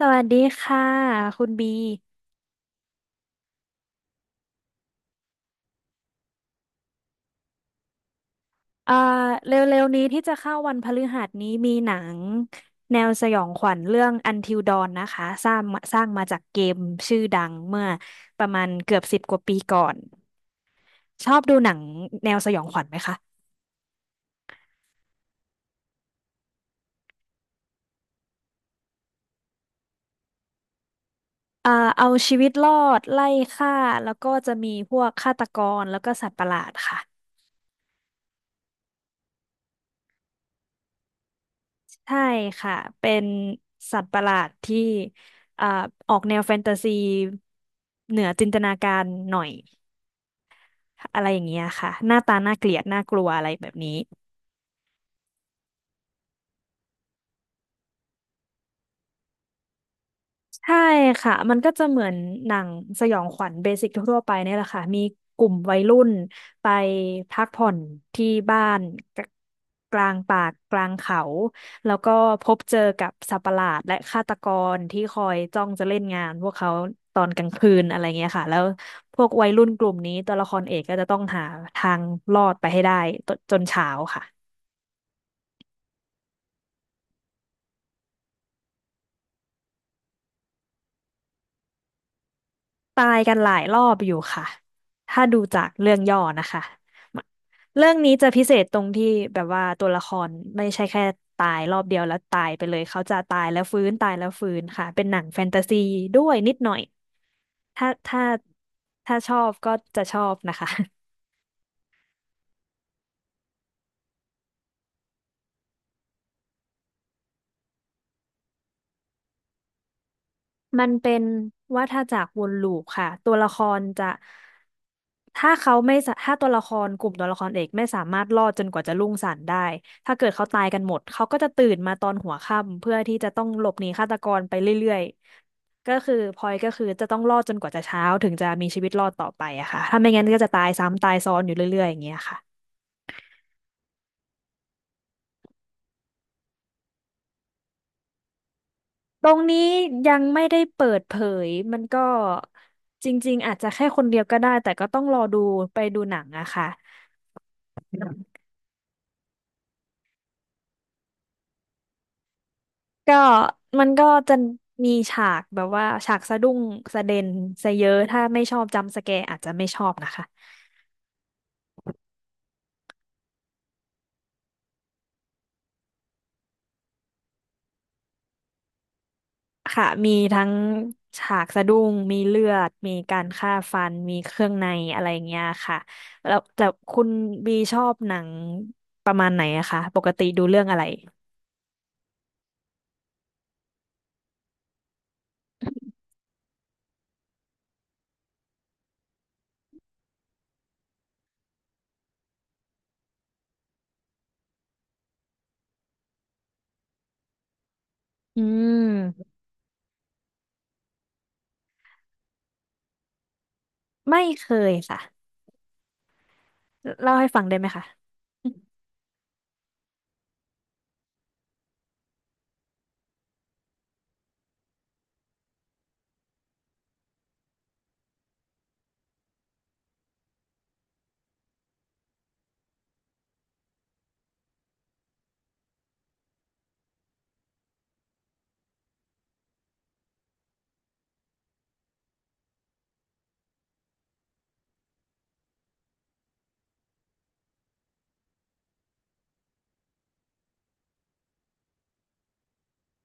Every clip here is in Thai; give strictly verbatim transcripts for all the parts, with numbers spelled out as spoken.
สวัสดีค่ะคุณบีเอ่อเร็วๆนี้ที่จะเข้าวันพฤหัสนี้มีหนังแนวสยองขวัญเรื่อง Until Dawn นะคะสร้างมาสร้างมาจากเกมชื่อดังเมื่อประมาณเกือบสิบกว่าปีก่อนชอบดูหนังแนวสยองขวัญไหมคะเอ่อเอาชีวิตรอดไล่ฆ่าแล้วก็จะมีพวกฆาตกรแล้วก็สัตว์ประหลาดค่ะใช่ค่ะเป็นสัตว์ประหลาดที่เอ่อออกแนวแฟนตาซีเหนือจินตนาการหน่อย อะไรอย่างเงี้ยค่ะหน้าตาน่าเกลียดน่ากลัวอะไรแบบนี้ใช่ค่ะมันก็จะเหมือนหนังสยองขวัญเบสิกทั่วๆไปเนี่ยแหละค่ะมีกลุ่มวัยรุ่นไปพักผ่อนที่บ้านกกลางป่ากลางเขาแล้วก็พบเจอกับสัตว์ประหลาดและฆาตกรที่คอยจ้องจะเล่นงานพวกเขาตอนกลางคืนอะไรเงี้ยค่ะแล้วพวกวัยรุ่นกลุ่มนี้ตัวละครเอกก็จะต้องหาทางรอดไปให้ได้ตจนเช้าค่ะ ตายกันหลายรอบอยู่ค่ะ ถ้าดูจากเรื่องย่อนะคะเรื่องนี้จะพิเศษตรงที่แบบว่าตัวละครไม่ใช่แค่ตายรอบเดียวแล้วตายไปเลยเขาจะตายแล้วฟื้นตายแล้วฟื้นค่ะเป็นหนังแฟนตาซีด้วยนิดหน่อยถ้าถ้าถ้าชอบก็จะชอบนะคะ มันเป็นวัฏจักรวนลูปค่ะตัวละครจะถ้าเขาไม่สะถ้าตัวละครกลุ่มตัวละครเอกไม่สามารถรอดจนกว่าจะรุ่งสางได้ถ้าเกิดเขาตายกันหมดเขาก็จะตื่นมาตอนหัวค่ำเพื่อที่จะต้องหลบหนีฆาตกรไปเรื่อยๆก็คือพลอยก็คือจะต้องรอดจนกว่าจะเช้าถึงจะมีชีวิตรอดต่อไปอะค่ะถ้าไม่งั้นก็จะตายซ้ำตายซ้อนอยู่เรื่อยๆอย่างเงี้ยค่ะตรงนี้ยังไม่ได้เปิดเผยมันก็จริงๆอาจจะแค่คนเดียวก็ได้แต่ก็ต้องรอดูไปดูหนังอะค่ะ ก็มันก็จะมีฉากแบบว่าฉากสะดุ้งสะเด็นสะเยอะถ้าไม่ชอบจัมป์สแกร์อาจจะไม่ชอบนะคะค่ะมีทั้งฉากสะดุ้งมีเลือดมีการฆ่าฟันมีเครื่องในอะไรอย่างเงี้ยค่ะแล้วแต่คุณบีชอบหนังประมาณไหนอะคะปกติดูเรื่องอะไรอืมไม่เคยค่ะเล่าให้ฟังได้ไหมคะ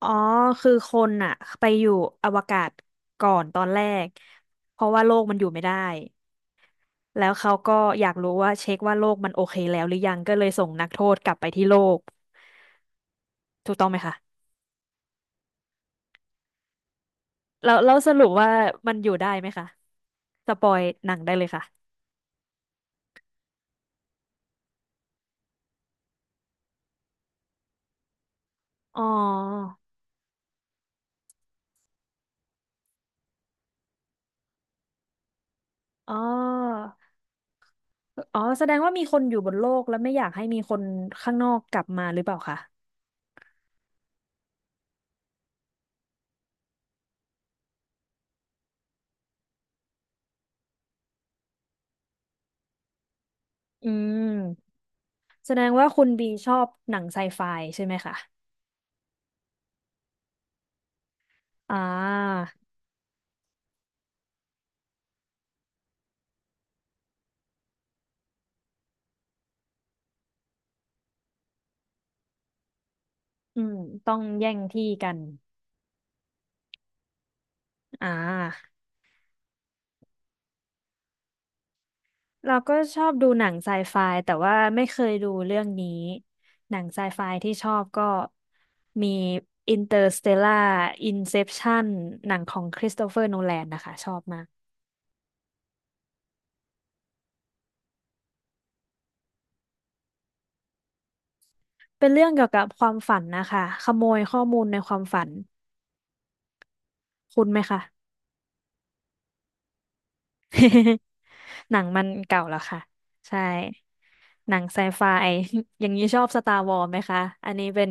อ๋อคือคนอะไปอยู่อวกาศก่อนตอนแรกเพราะว่าโลกมันอยู่ไม่ได้แล้วเขาก็อยากรู้ว่าเช็คว่าโลกมันโอเคแล้วหรือยังก็เลยส่งนักโทษกลับไปที่โลกถูกต้องไหมคะแล้วแล้วสรุปว่ามันอยู่ได้ไหมคะสปอยหนังได้เลยค่ะอ๋ออ๋ออ๋อแสดงว่ามีคนอยู่บนโลกแล้วไม่อยากให้มีคนข้างนอกกลับมาหรือเปล่าคะอืมแสดงว่าคุณบีชอบหนังไซไฟใช่ไหมคะอ่า อืมต้องแย่งที่กันอ่าเราก็ชอบดูหนังไซไฟแต่ว่าไม่เคยดูเรื่องนี้หนังไซไฟที่ชอบก็มี Interstellar Inception หนังของคริสโตเฟอร์โนแลนนะคะชอบมากเป็นเรื่องเกี่ยวกับความฝันนะคะขโมยข้อมูลในความฝันคุณไหมคะ หนังมันเก่าแล้วค่ะใช่หนังไซไฟ อย่างนี้ชอบสตาร์วอ s ไหมคะอันนี้เป็น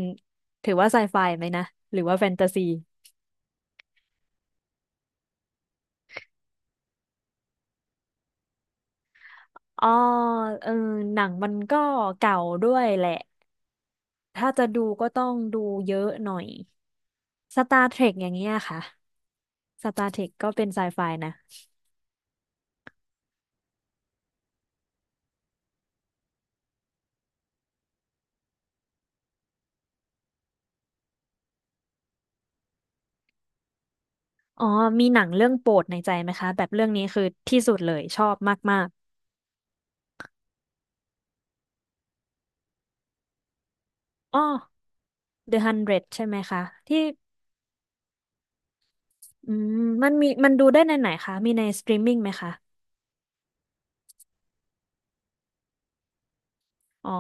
ถือว่าไซไฟไหมนะหรือว่าแฟนตาซีอ๋อเออหนังมันก็เก่าด้วยแหละถ้าจะดูก็ต้องดูเยอะหน่อย Star Trek อย่างเงี้ยค่ะ Star Trek ก็เป็นไซไฟนะอ๋อมีหนังเรื่องโปรดในใจไหมคะแบบเรื่องนี้คือที่สุดเลยชอบมากๆอ๋อ The ฮันเดร d ใช่ไหมคะที่ อืมมันมีมันดูได้ในไหนคะมีในสตรีมมิ่งไหมคะอ๋อ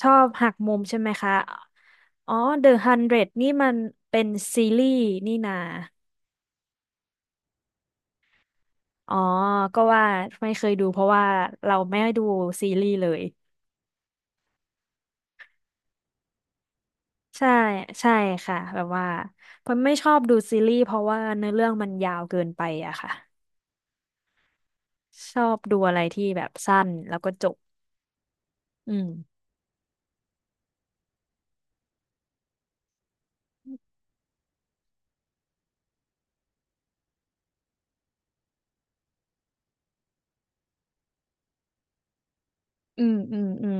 ชอบหักมุมใช่ไหมคะอ๋อ The Hundred นเดรดนี่มันเป็นซีรีส์นี่นาอ๋อก็ว่าไม่เคยดูเพราะว่าเราไม่ได้ดูซีรีส์เลยใช่ใช่ค่ะแบบว่าผมไม่ชอบดูซีรีส์เพราะว่าเนื้อเรื่องมันยาวเกินไปอะค่ะชอบดูอะไรที่แบบสั้นแล้วก็จบอืมอืมอืมอืม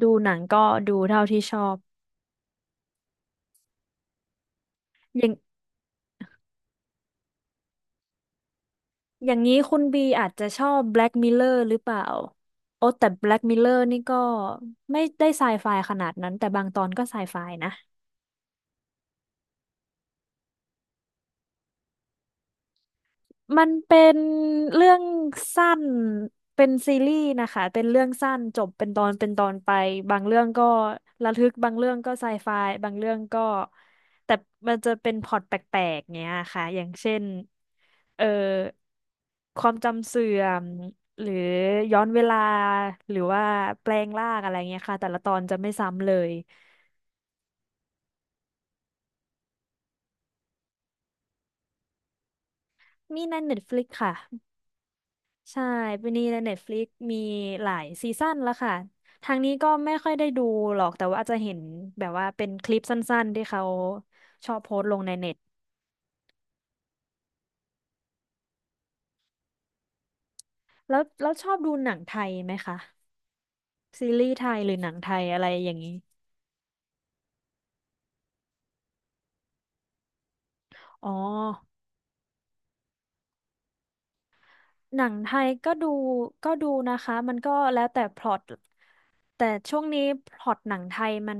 ดูหนังก็ดูเท่าที่ชอบอย่าง อย่างนี้คุณบีอาจจะชอบ Black Mirror หรือเปล่า โอ้แต่ Black Mirror นี่ก็ไม่ได้ไซไฟขนาดนั้นแต่บางตอนก็ไซไฟนะ มันเป็นเรื่องสั้นเป็นซีรีส์นะคะเป็นเรื่องสั้นจบเป็นตอนเป็นตอนไปบางเรื่องก็ระทึกบางเรื่องก็ไซไฟบางเรื่องก็แต่มันจะเป็นพล็อตแปลกๆเนี้ยค่ะอย่างเช่นเอ่อความจำเสื่อมหรือย้อนเวลาหรือว่าแปลงร่างอะไรเงี้ยค่ะแต่ละตอนจะไม่ซ้ำเลยมีใน Netflix ค่ะ ใช่ปีนี้ใน Netflix มีหลายซีซั่นแล้วค่ะ ทางนี้ก็ไม่ค่อยได้ดูหรอกแต่ว่าอาจจะเห็นแบบว่าเป็นคลิปสั้นๆที่เขาชอบโพสต์ลงในเน็ตแล้วแล้วชอบดูหนังไทยไหมคะซีรีส์ไทยหรือหนังไทยอะไรอย่างนี้ อ๋อหนังไทยก็ดูก็ดูนะคะมันก็แล้วแต่พล็อต แต่ช่วงนี้พล็อตหนังไทยมัน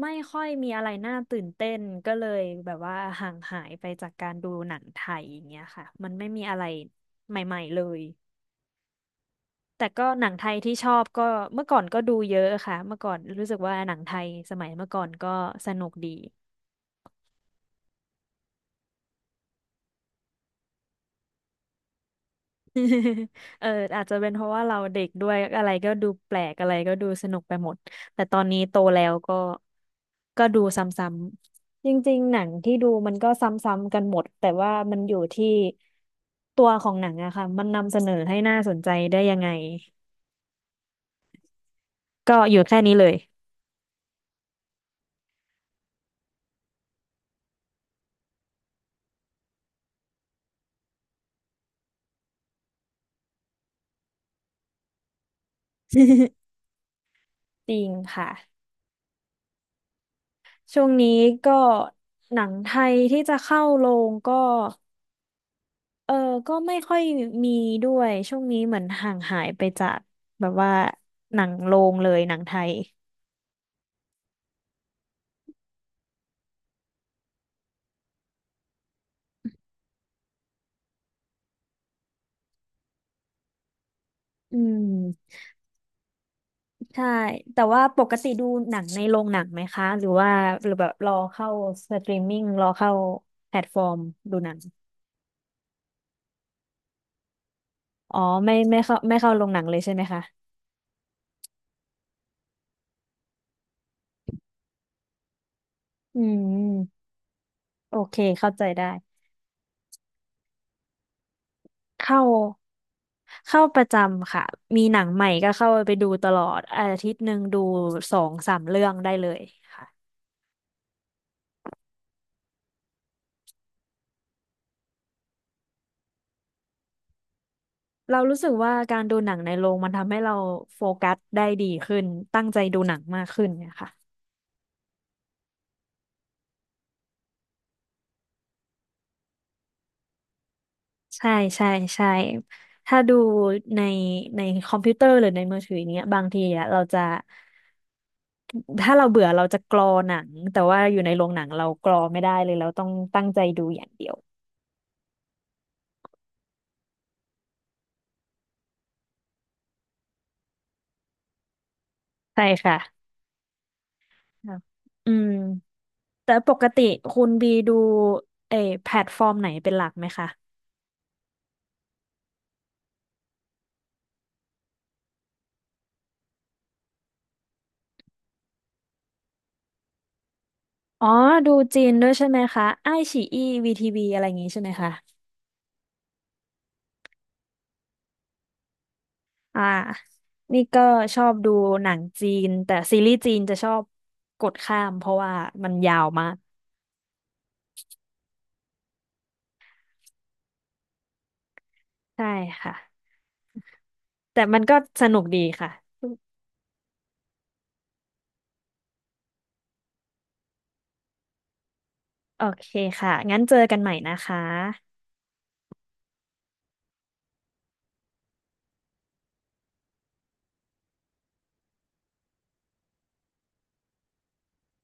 ไม่ค่อยมีอะไรน่าตื่นเต้นก็เลยแบบว่าห่างหายไปจากการดูหนังไทยอย่างเงี้ยค่ะมันไม่มีอะไรใหม่ๆเลยแต่ก็หนังไทยที่ชอบก็เมื่อก่อนก็ดูเยอะค่ะเมื่อก่อนรู้สึกว่าหนังไทยสมัยเมื่อก่อนก็สนุกดี เอออาจจะเป็นเพราะว่าเราเด็กด้วยอะไรก็ดูแปลกอะไรก็ดูสนุกไปหมดแต่ตอนนี้โตแล้วก็ก็ดูซ้ำๆจริงๆหนังที่ดูมันก็ซ้ำๆกันหมดแต่ว่ามันอยู่ที่ตัวของหนังอะค่ะมันนำเสนอให้น่าสนใจได้ยังไงก็อยู่แค่นี้เลย จริงค่ะช่วงนี้ก็หนังไทยที่จะเข้าโรงก็ เออก็ไม่ค่อยมีด้วยช่วงนี้เหมือนห่างหายไปจากแบบว่าหนังโรงเลยหนังไทยอืมใช่แต่ว่าปกติดูหนังในโรงหนังไหมคะหรือว่าหรือแบบรอเข้าสตรีมมิ่งรอเข้าแพลตฟอร์มดูหนังอ๋อไม่ไม่เข้าไม่เข้าโรงหนังเลยใช่ไหมคะอืมโอเคเข้าใจได้เข้าเข้าประจำค่ะมีหนังใหม่ก็เข้าไปดูตลอดอาทิตย์หนึ่งดูสองสามเรื่องได้เลยค่ะ เรารู้สึกว่าการดูหนังในโรงมันทำให้เราโฟกัสได้ดีขึ้น ตั้งใจดูหนังมากขึ้นเนี่ยค่ะใช่ใช่ใช่ถ้าดูในในคอมพิวเตอร์หรือในมือถืออย่างเงี้ยบางทีอะเราจะถ้าเราเบื่อเราจะกรอหนังแต่ว่าอยู่ในโรงหนังเรากรอไม่ได้เลยเราต้องตั้งใจดูอย่างเดียวใช่ค่ะครับอืมแต่ปกติคุณบีดูเออแพลตฟอร์มไหนเป็นหลักไหมคะอ๋อดูจีนด้วยใช่ไหมคะไอ้ฉีอี้วีทีวีอะไรอย่างงี้ใช่ไหมคะ อ่านี่ก็ชอบดูหนังจีน แต่ซีรีส์จีนจะชอบกดข้ามเพราะว่ามันยาวมากใช่ค่ะ แต่มันก็สนุกดีค่ะ โอเคค่ะ งั้นเจอกันใหม่นะคะ